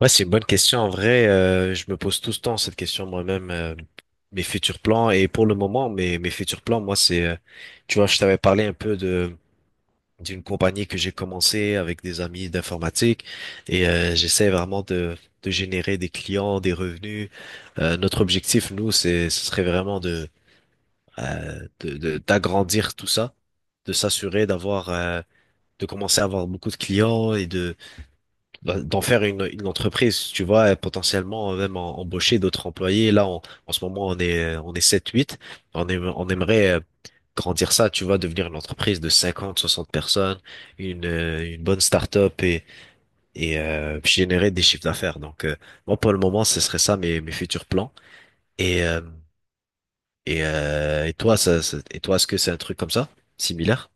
Ouais, c'est une bonne question. En vrai, je me pose tout ce temps cette question moi-même, mes futurs plans. Et pour le moment, mes futurs plans, moi, c'est, tu vois, je t'avais parlé un peu de d'une compagnie que j'ai commencé avec des amis d'informatique et j'essaie vraiment de générer des clients, des revenus. Notre objectif, nous, c'est, ce serait vraiment de, d'agrandir tout ça, de s'assurer d'avoir, de commencer à avoir beaucoup de clients et de bah, d'en faire une entreprise, tu vois, et potentiellement même embaucher d'autres employés. En ce moment, on est 7 8. On aimerait grandir ça, tu vois, devenir une entreprise de 50 60 personnes, une bonne start-up et puis générer des chiffres d'affaires. Donc, moi, pour le moment, ce serait ça mes futurs plans. Et, euh, et toi, est-ce que c'est un truc comme ça, similaire?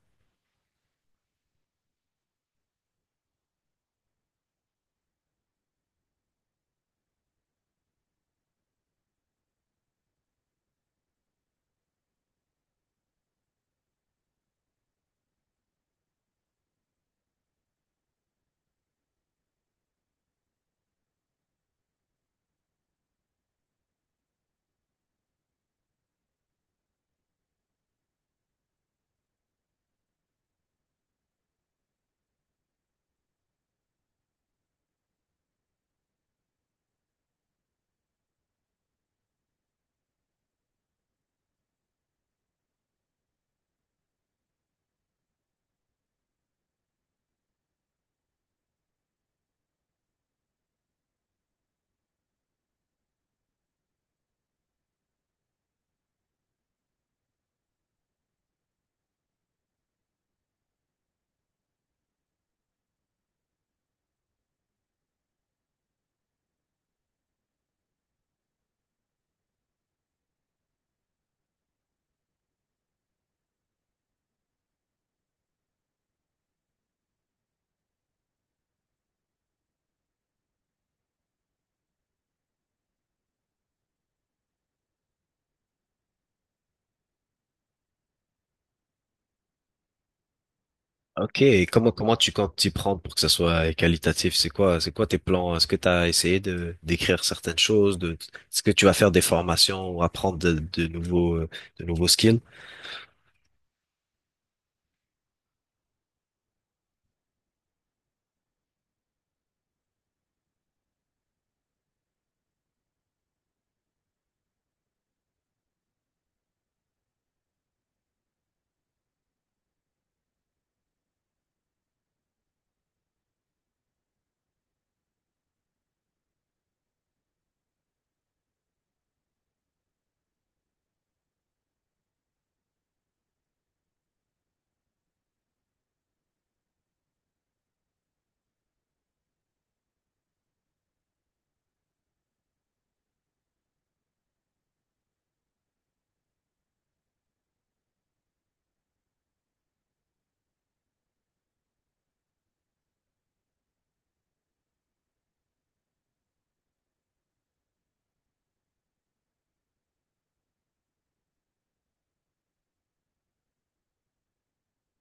Ok, et comment tu comptes t'y prendre pour que ça soit qualitatif? C'est quoi tes plans? Est-ce que tu as essayé de d'écrire certaines choses? De, est-ce que tu vas faire des formations ou apprendre de nouveaux skills?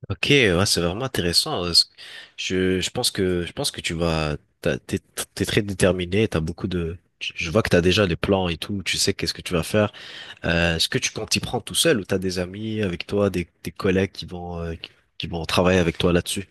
Ok, ouais, c'est vraiment intéressant. Est-ce que- je pense que tu vas t'as- t'es t'es très déterminé. T'as beaucoup de je vois que t'as déjà les plans et tout. Tu sais qu'est-ce que tu vas faire. Est-ce que tu comptes t'y prendre tout seul ou t'as des amis avec toi, des collègues qui vont qui vont travailler avec toi là-dessus?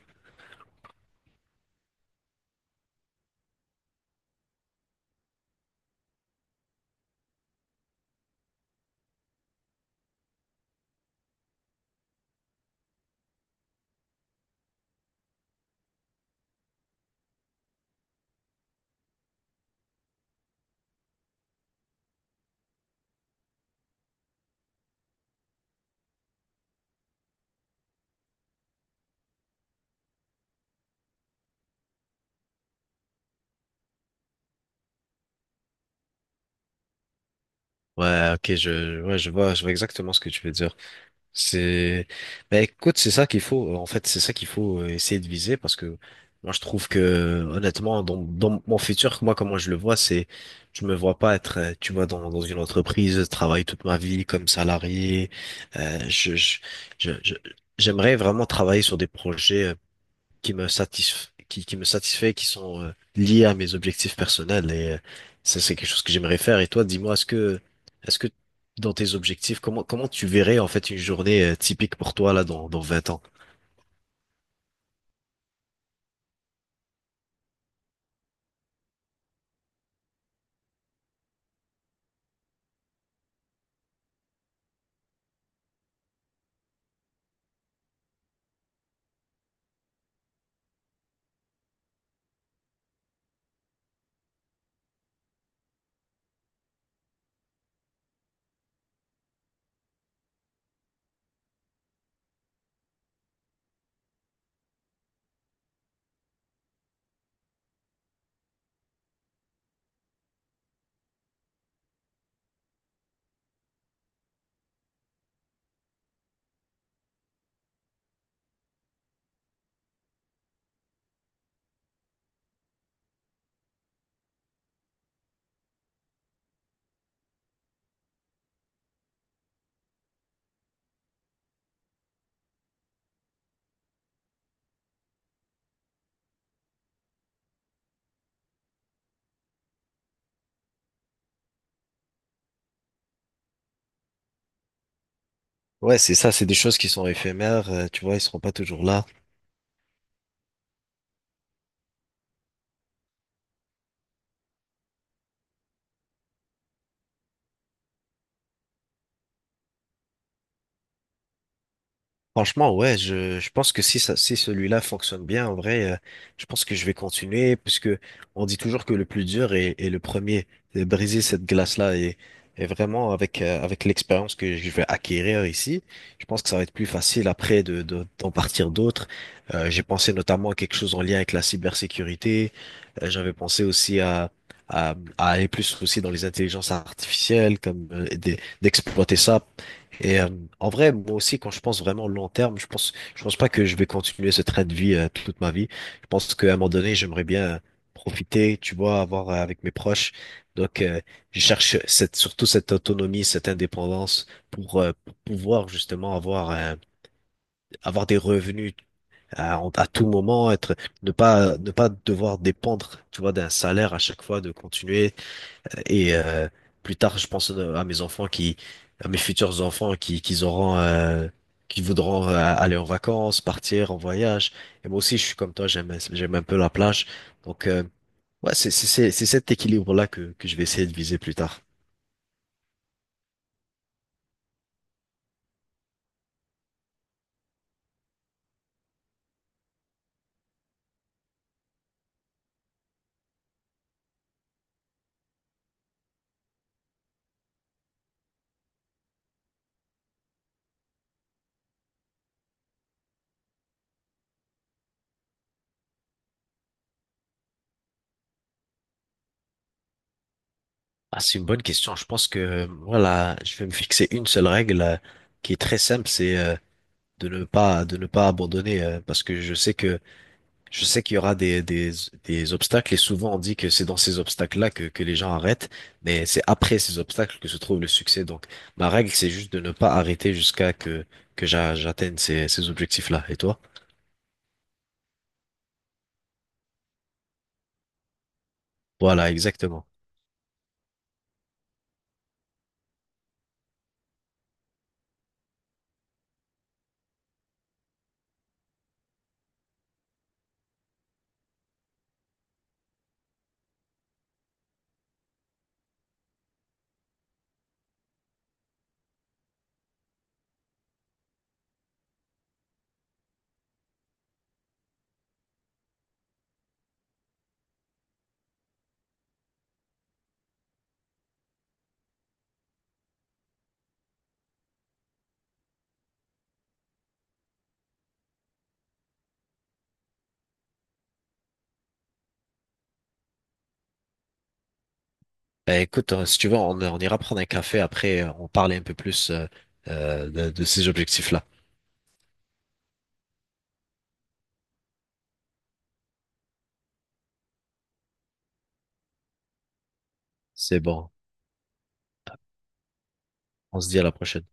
Ouais, ok, ouais, je vois exactement ce que tu veux dire. C'est, bah écoute, c'est ça qu'il faut. En fait, c'est ça qu'il faut essayer de viser parce que moi, je trouve que honnêtement, dans mon futur, moi, comment je le vois, c'est, je me vois pas être, tu vois, dans une entreprise, travailler toute ma vie comme salarié. Euh, je, je, je, je- J'aimerais vraiment travailler sur des projets qui me satisfait, qui sont liés à mes objectifs personnels. Et ça, c'est quelque chose que j'aimerais faire. Et toi, dis-moi, est-ce que dans tes objectifs, comment tu verrais en fait une journée typique pour toi là dans 20 ans? Ouais, c'est ça, c'est des choses qui sont éphémères, tu vois, ils seront pas toujours là. Franchement, ouais, je pense que si celui-là fonctionne bien, en vrai, je pense que je vais continuer parce que on dit toujours que le plus dur est le premier. Et briser cette glace-là et vraiment avec, avec l'expérience que je vais acquérir ici, je pense que ça va être plus facile après de, d'en partir d'autres. J'ai pensé notamment à quelque chose en lien avec la cybersécurité. J'avais pensé aussi à, à aller plus aussi dans les intelligences artificielles, comme d'exploiter ça et en vrai, moi aussi, quand je pense vraiment long terme, je pense pas que je vais continuer ce train de vie toute ma vie. Je pense qu'à un moment donné, j'aimerais bien profiter, tu vois, avoir avec mes proches. Donc, je cherche cette, surtout cette autonomie, cette indépendance pour pouvoir justement avoir, avoir des revenus à tout moment, être, ne pas devoir dépendre, tu vois, d'un salaire à chaque fois, de continuer et plus tard, je pense à mes futurs enfants qu'ils auront, qui voudront aller en vacances, partir en voyage. Et moi aussi, je suis comme toi, j'aime un peu la plage. Donc, ouais, c'est cet équilibre-là que je vais essayer de viser plus tard. Ah, c'est une bonne question. Je pense que, voilà, je vais me fixer une seule règle qui est très simple, c'est de ne pas abandonner, parce que je sais que je sais qu'il y aura des, des obstacles et souvent on dit que c'est dans ces obstacles-là que les gens arrêtent, mais c'est après ces obstacles que se trouve le succès. Donc ma règle, c'est juste de ne pas arrêter jusqu'à que j'atteigne ces, ces objectifs-là. Et toi? Voilà, exactement. Eh, écoute, hein, si tu veux, on ira prendre un café après, on parle un peu plus de ces objectifs-là. C'est bon, on se dit à la prochaine.